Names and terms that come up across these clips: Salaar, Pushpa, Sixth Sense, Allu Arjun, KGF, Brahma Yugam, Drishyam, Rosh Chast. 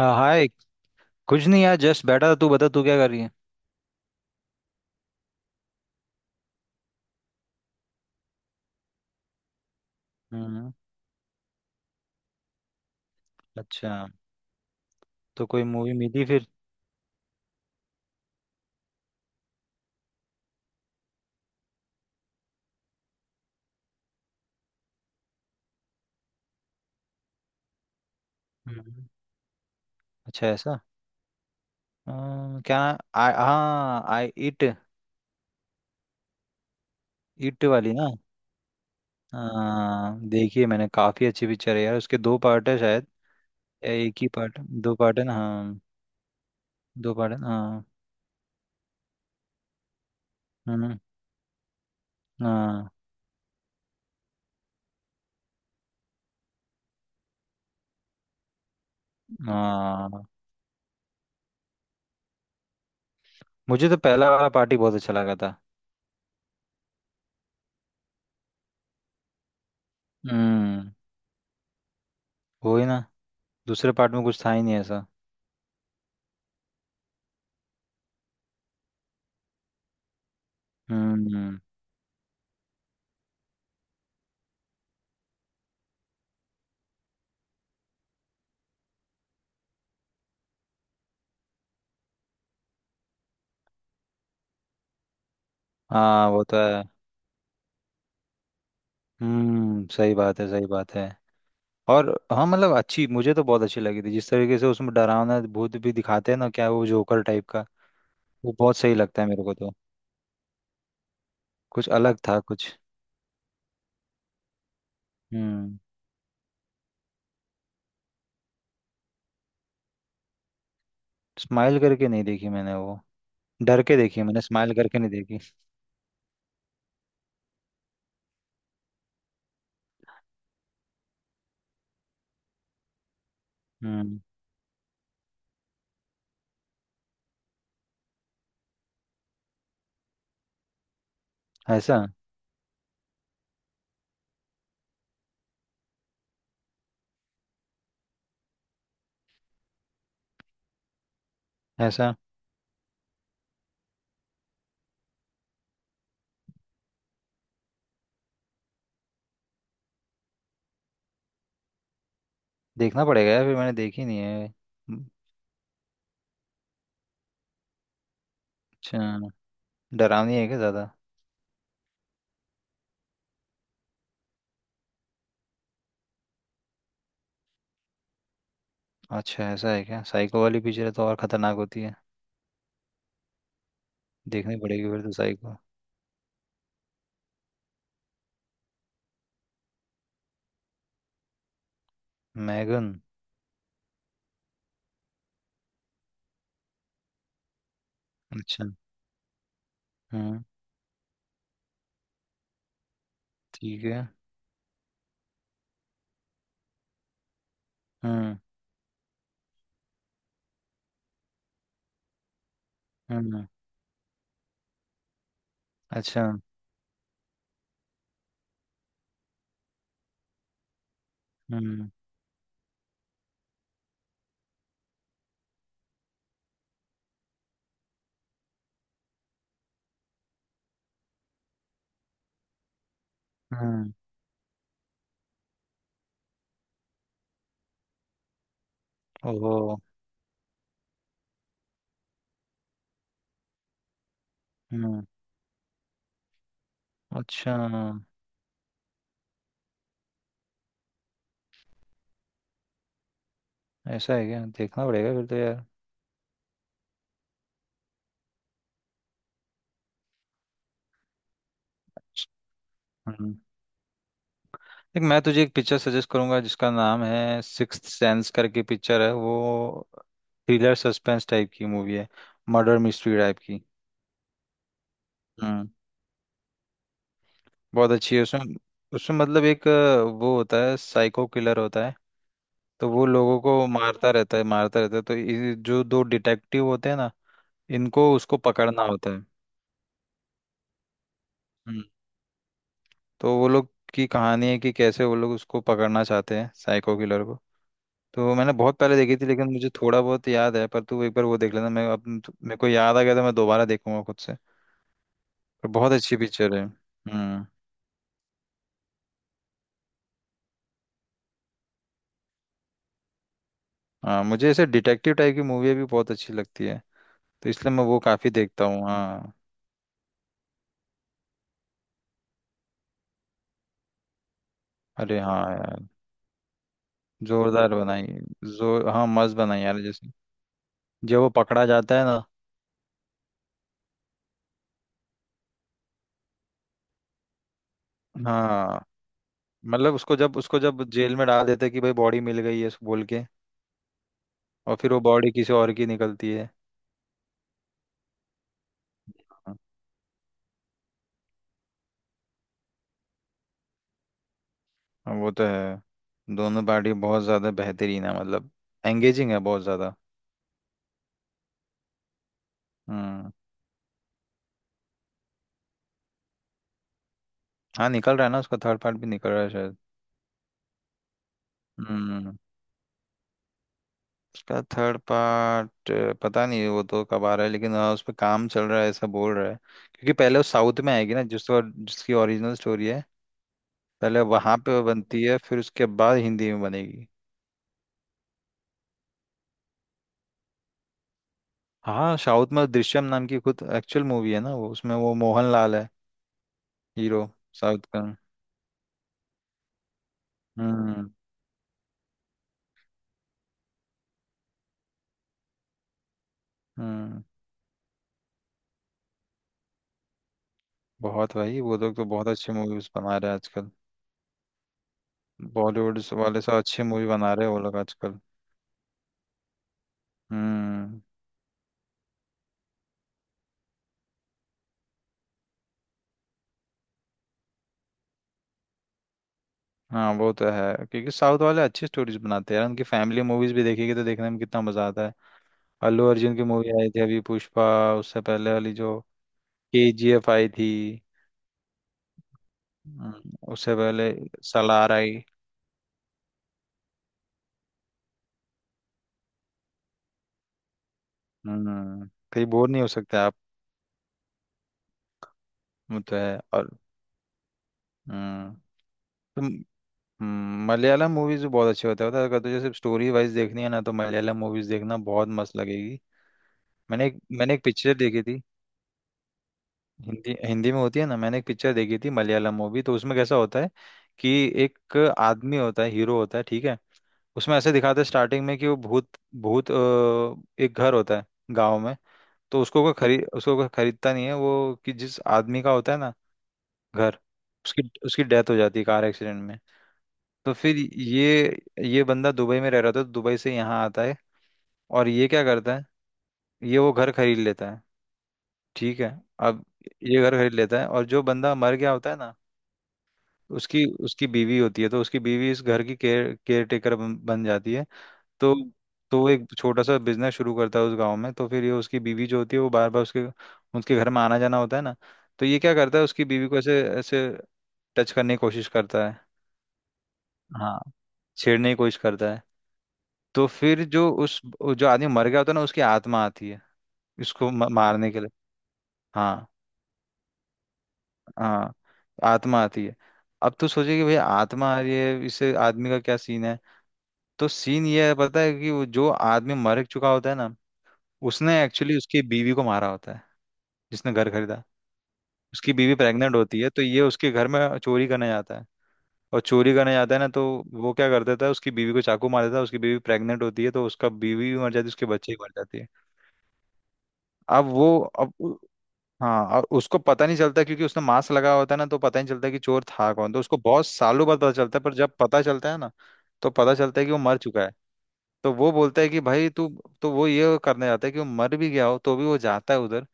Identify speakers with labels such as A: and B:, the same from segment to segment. A: हाँ हाय। कुछ नहीं यार जस्ट बैठा था। तू बता तू क्या कर रही है। हम्म। अच्छा, तो कोई मूवी मिली फिर। हम्म। अच्छा ऐसा। क्या। हाँ आई इट। इट वाली ना। हाँ देखिए मैंने, काफी अच्छी पिक्चर है यार। उसके दो पार्ट है शायद, या एक ही पार्ट। दो पार्ट है ना हाँ। दो पार्ट है ना हाँ। हम्म, हाँ हाँ। मुझे तो पहला वाला पार्ट ही बहुत अच्छा लगा था। हम्म वही ना। दूसरे पार्ट में कुछ था ही नहीं ऐसा। हम्म। हाँ वो तो है। सही बात है सही बात है। और हाँ मतलब अच्छी, मुझे तो बहुत अच्छी लगी थी जिस तरीके से उसमें डरावना भूत भी दिखाते हैं ना, क्या वो जोकर टाइप का। वो बहुत सही लगता है मेरे को तो। कुछ अलग था कुछ। हम्म। स्माइल करके नहीं देखी मैंने वो। डर के देखी है, मैंने स्माइल करके नहीं देखी। हम्म। ऐसा। ऐसा। देखना पड़ेगा यार, फिर मैंने देखी नहीं है। अच्छा। डरावनी है क्या ज़्यादा। अच्छा, ऐसा है क्या। साइको वाली पिक्चर तो और खतरनाक होती है। देखनी पड़ेगी फिर तो साइको। मैगन। अच्छा। हम्म। ठीक है। हम्म। हम्म। अच्छा। हम्म। हम्म। ओहो। हम्म। अच्छा, ऐसा है क्या। देखना पड़ेगा फिर तो यार। हम्म। देख मैं तुझे एक पिक्चर सजेस्ट करूंगा जिसका नाम है सिक्स्थ सेंस करके, पिक्चर है। वो थ्रिलर सस्पेंस टाइप की मूवी है, मर्डर मिस्ट्री टाइप की। हम्म। बहुत अच्छी है उसमें। उसमें मतलब एक वो होता है साइको किलर होता है। तो वो लोगों को मारता रहता है मारता रहता है, तो ये जो दो डिटेक्टिव होते हैं ना, इनको उसको पकड़ना होता है। तो वो लोग की कहानी है कि कैसे वो लोग उसको पकड़ना चाहते हैं साइको किलर को। तो मैंने बहुत पहले देखी थी, लेकिन मुझे थोड़ा बहुत याद है। पर तू एक बार वो देख लेना, मैं अब मेरे को याद आ गया तो मैं दोबारा देखूंगा खुद से। पर बहुत अच्छी पिक्चर है। हम्म। हाँ मुझे ऐसे डिटेक्टिव टाइप की मूवी भी बहुत अच्छी लगती है, तो इसलिए मैं वो काफी देखता हूँ। हाँ। अरे हाँ यार, जोरदार बनाई। जोर हाँ मस्त बनाई यार। जैसे जब वो पकड़ा जाता है ना, हाँ, मतलब उसको जब जेल में डाल देते हैं कि भाई बॉडी मिल गई है बोल के। और फिर वो बॉडी किसी और की निकलती है। हाँ, वो तो है। दोनों पार्टी बहुत ज़्यादा बेहतरीन है मतलब, एंगेजिंग है बहुत ज़्यादा। हम्म। हाँ निकल रहा है ना, उसका थर्ड पार्ट भी निकल रहा है शायद। हम्म। उसका थर्ड पार्ट पता नहीं वो तो कब आ रहा है, लेकिन हाँ उस पर काम चल रहा है ऐसा बोल रहा है। क्योंकि पहले वो साउथ में आएगी ना, जिस जिसकी ओरिजिनल स्टोरी है। पहले वहाँ पे वो बनती है, फिर उसके बाद हिंदी में बनेगी। हाँ साउथ में दृश्यम नाम की खुद एक्चुअल मूवी है ना, वो उसमें वो मोहन लाल है हीरो, साउथ का। हम्म। हम्म बहुत भाई, वो लोग तो बहुत अच्छी मूवीज बना रहे हैं आजकल। बॉलीवुड वाले से अच्छी मूवी बना रहे हैं वो लोग आजकल। हम्म। हाँ वो तो है, क्योंकि साउथ वाले अच्छी स्टोरीज बनाते हैं यार। उनकी फैमिली मूवीज भी देखेगी तो देखने में कितना मजा आता है। अल्लू अर्जुन की मूवी आई थी अभी, पुष्पा। उससे पहले वाली जो केजीएफ आई थी। उससे पहले सलार आई। हम्म। कहीं बोर नहीं हो सकते आप। वो तो है। और हम्म। मलयालम मूवीज भी बहुत अच्छे होते हैं पता है, अगर तुझे सिर्फ स्टोरी वाइज देखनी है ना तो मलयालम मूवीज देखना बहुत मस्त लगेगी। मैंने एक पिक्चर देखी थी। हिंदी हिंदी में होती है ना। मैंने एक पिक्चर देखी थी मलयालम मूवी, तो उसमें कैसा होता है कि एक आदमी होता है हीरो होता है ठीक है। उसमें ऐसे दिखाते हैं स्टार्टिंग में कि वो भूत भूत अ, एक घर होता है गाँव में। तो उसको कोई खरीद उसको कोई खरीदता नहीं है वो, कि जिस आदमी का होता है ना घर, उसकी उसकी डेथ हो जाती है कार एक्सीडेंट में। तो फिर ये बंदा दुबई में रह रहा था, तो दुबई से यहाँ आता है। और ये क्या करता है, ये वो घर खरीद लेता है। ठीक है। अब ये घर खरीद लेता है, और जो बंदा मर गया होता है ना, उसकी उसकी बीवी होती है। तो उसकी बीवी इस घर की केयर केयर टेकर बन बन जाती है। तो तो वो एक छोटा सा बिजनेस शुरू करता है उस गांव में। तो फिर ये उसकी बीवी जो होती है वो बार बार उसके उसके घर में आना जाना होता है ना। तो ये क्या करता है, उसकी बीवी को ऐसे ऐसे टच करने की कोशिश करता है। हाँ, छेड़ने की कोशिश करता है। तो फिर जो उस वो जो आदमी मर गया होता है ना, उसकी आत्मा आती है इसको मारने के लिए। हाँ। हाँ आत्मा आती है। अब तो सोचे कि भाई आत्मा आ रही है, इससे आदमी का क्या सीन है। तो सीन ये है पता है, कि वो जो आदमी मर चुका होता है ना, उसने एक्चुअली उसकी बीवी को मारा होता है, जिसने घर खरीदा। उसकी बीवी प्रेग्नेंट होती है, तो ये उसके घर में चोरी करने जाता है। और चोरी करने जाता है ना तो वो क्या कर देता है, उसकी बीवी को चाकू मार देता है। उसकी बीवी प्रेग्नेंट होती है, तो उसका बीवी भी मर जाती है, उसके बच्चे भी मर जाते हैं। अब वो अब हाँ, और उसको पता नहीं चलता क्योंकि उसने मास्क लगा होता है ना, तो पता नहीं चलता कि चोर था कौन। तो उसको बहुत सालों बाद पता चलता है, पर जब पता चलता है ना, तो पता चलता है कि वो मर चुका है। तो वो बोलता है कि भाई तू, तो वो ये करने जाता है कि वो मर भी गया हो तो भी वो जाता है उधर,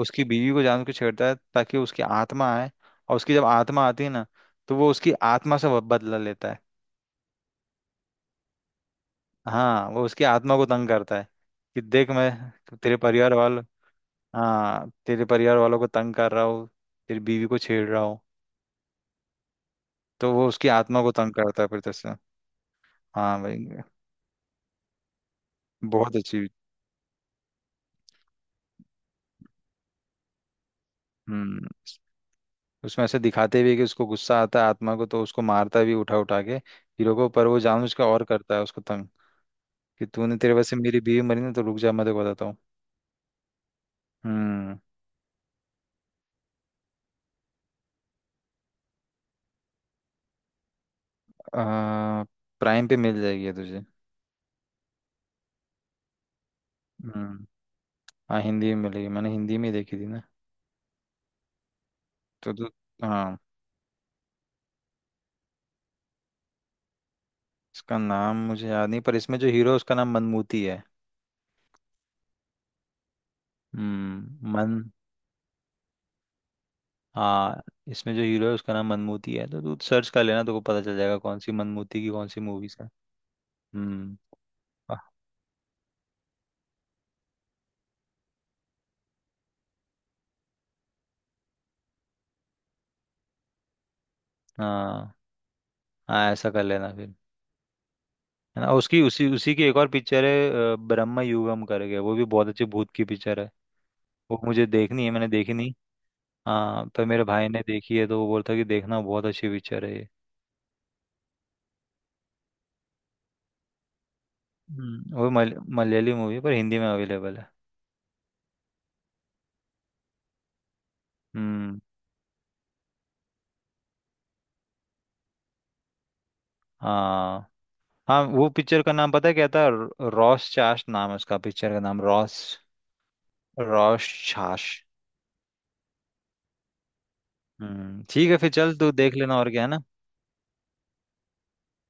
A: उसकी बीवी को जान के छेड़ता है, ताकि उसकी आत्मा आए। और उसकी जब आत्मा आती है ना, तो वो उसकी आत्मा से बदला लेता है। हाँ वो उसकी आत्मा को तंग करता है, कि देख मैं तेरे परिवार वालों, हाँ, तेरे परिवार वालों को तंग कर रहा हूँ, तेरी बीवी को छेड़ रहा हूँ। तो वो उसकी आत्मा को तंग करता है फिर तस्वीर। हाँ भाई, बहुत अच्छी। हम्म। उसमें ऐसे दिखाते भी है कि उसको गुस्सा आता है आत्मा को, तो उसको मारता भी उठा उठा के हीरो को, पर वो जानबूझ के और करता है उसको तंग। कि तूने तेरे वजह से मेरी बीवी मरी ना, तो रुक जा मैं तेरे को बताता हूँ। हम्म। आ, प्राइम पे मिल जाएगी ये तुझे। हम्म। हाँ हिंदी में मिलेगी, मैंने हिंदी में ही देखी थी ना। तो हाँ। इसका नाम मुझे याद नहीं, पर इसमें जो हीरो है, उसका नाम मनमूती है। मन। हाँ इसमें जो हीरो है उसका नाम मनमूती है, तो तू सर्च कर लेना तो को पता चल जाएगा कौन सी मनमूती की कौन सी मूवीज है। हम्म। आ- हाँ हाँ, ऐसा कर लेना फिर। है ना, उसकी उसी उसी की एक और पिक्चर है ब्रह्म युगम करके, वो भी बहुत अच्छी भूत की पिक्चर है। वो मुझे देखनी है, मैंने देखी नहीं। हाँ पर मेरे भाई ने देखी है, तो वो बोलता कि देखना बहुत अच्छी पिक्चर है ये। हम्म, वो मल, मलयाली मूवी है, पर हिंदी में अवेलेबल है। हम्म। हाँ हाँ वो पिक्चर का नाम पता है क्या था, रॉस चास्ट नाम है उसका, पिक्चर का नाम रॉस, रोशाश। ठीक है फिर चल तू देख लेना। और क्या है ना।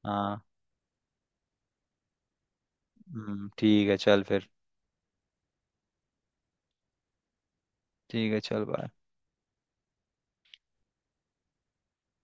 A: हाँ। ठीक है चल फिर। ठीक है चल बाय।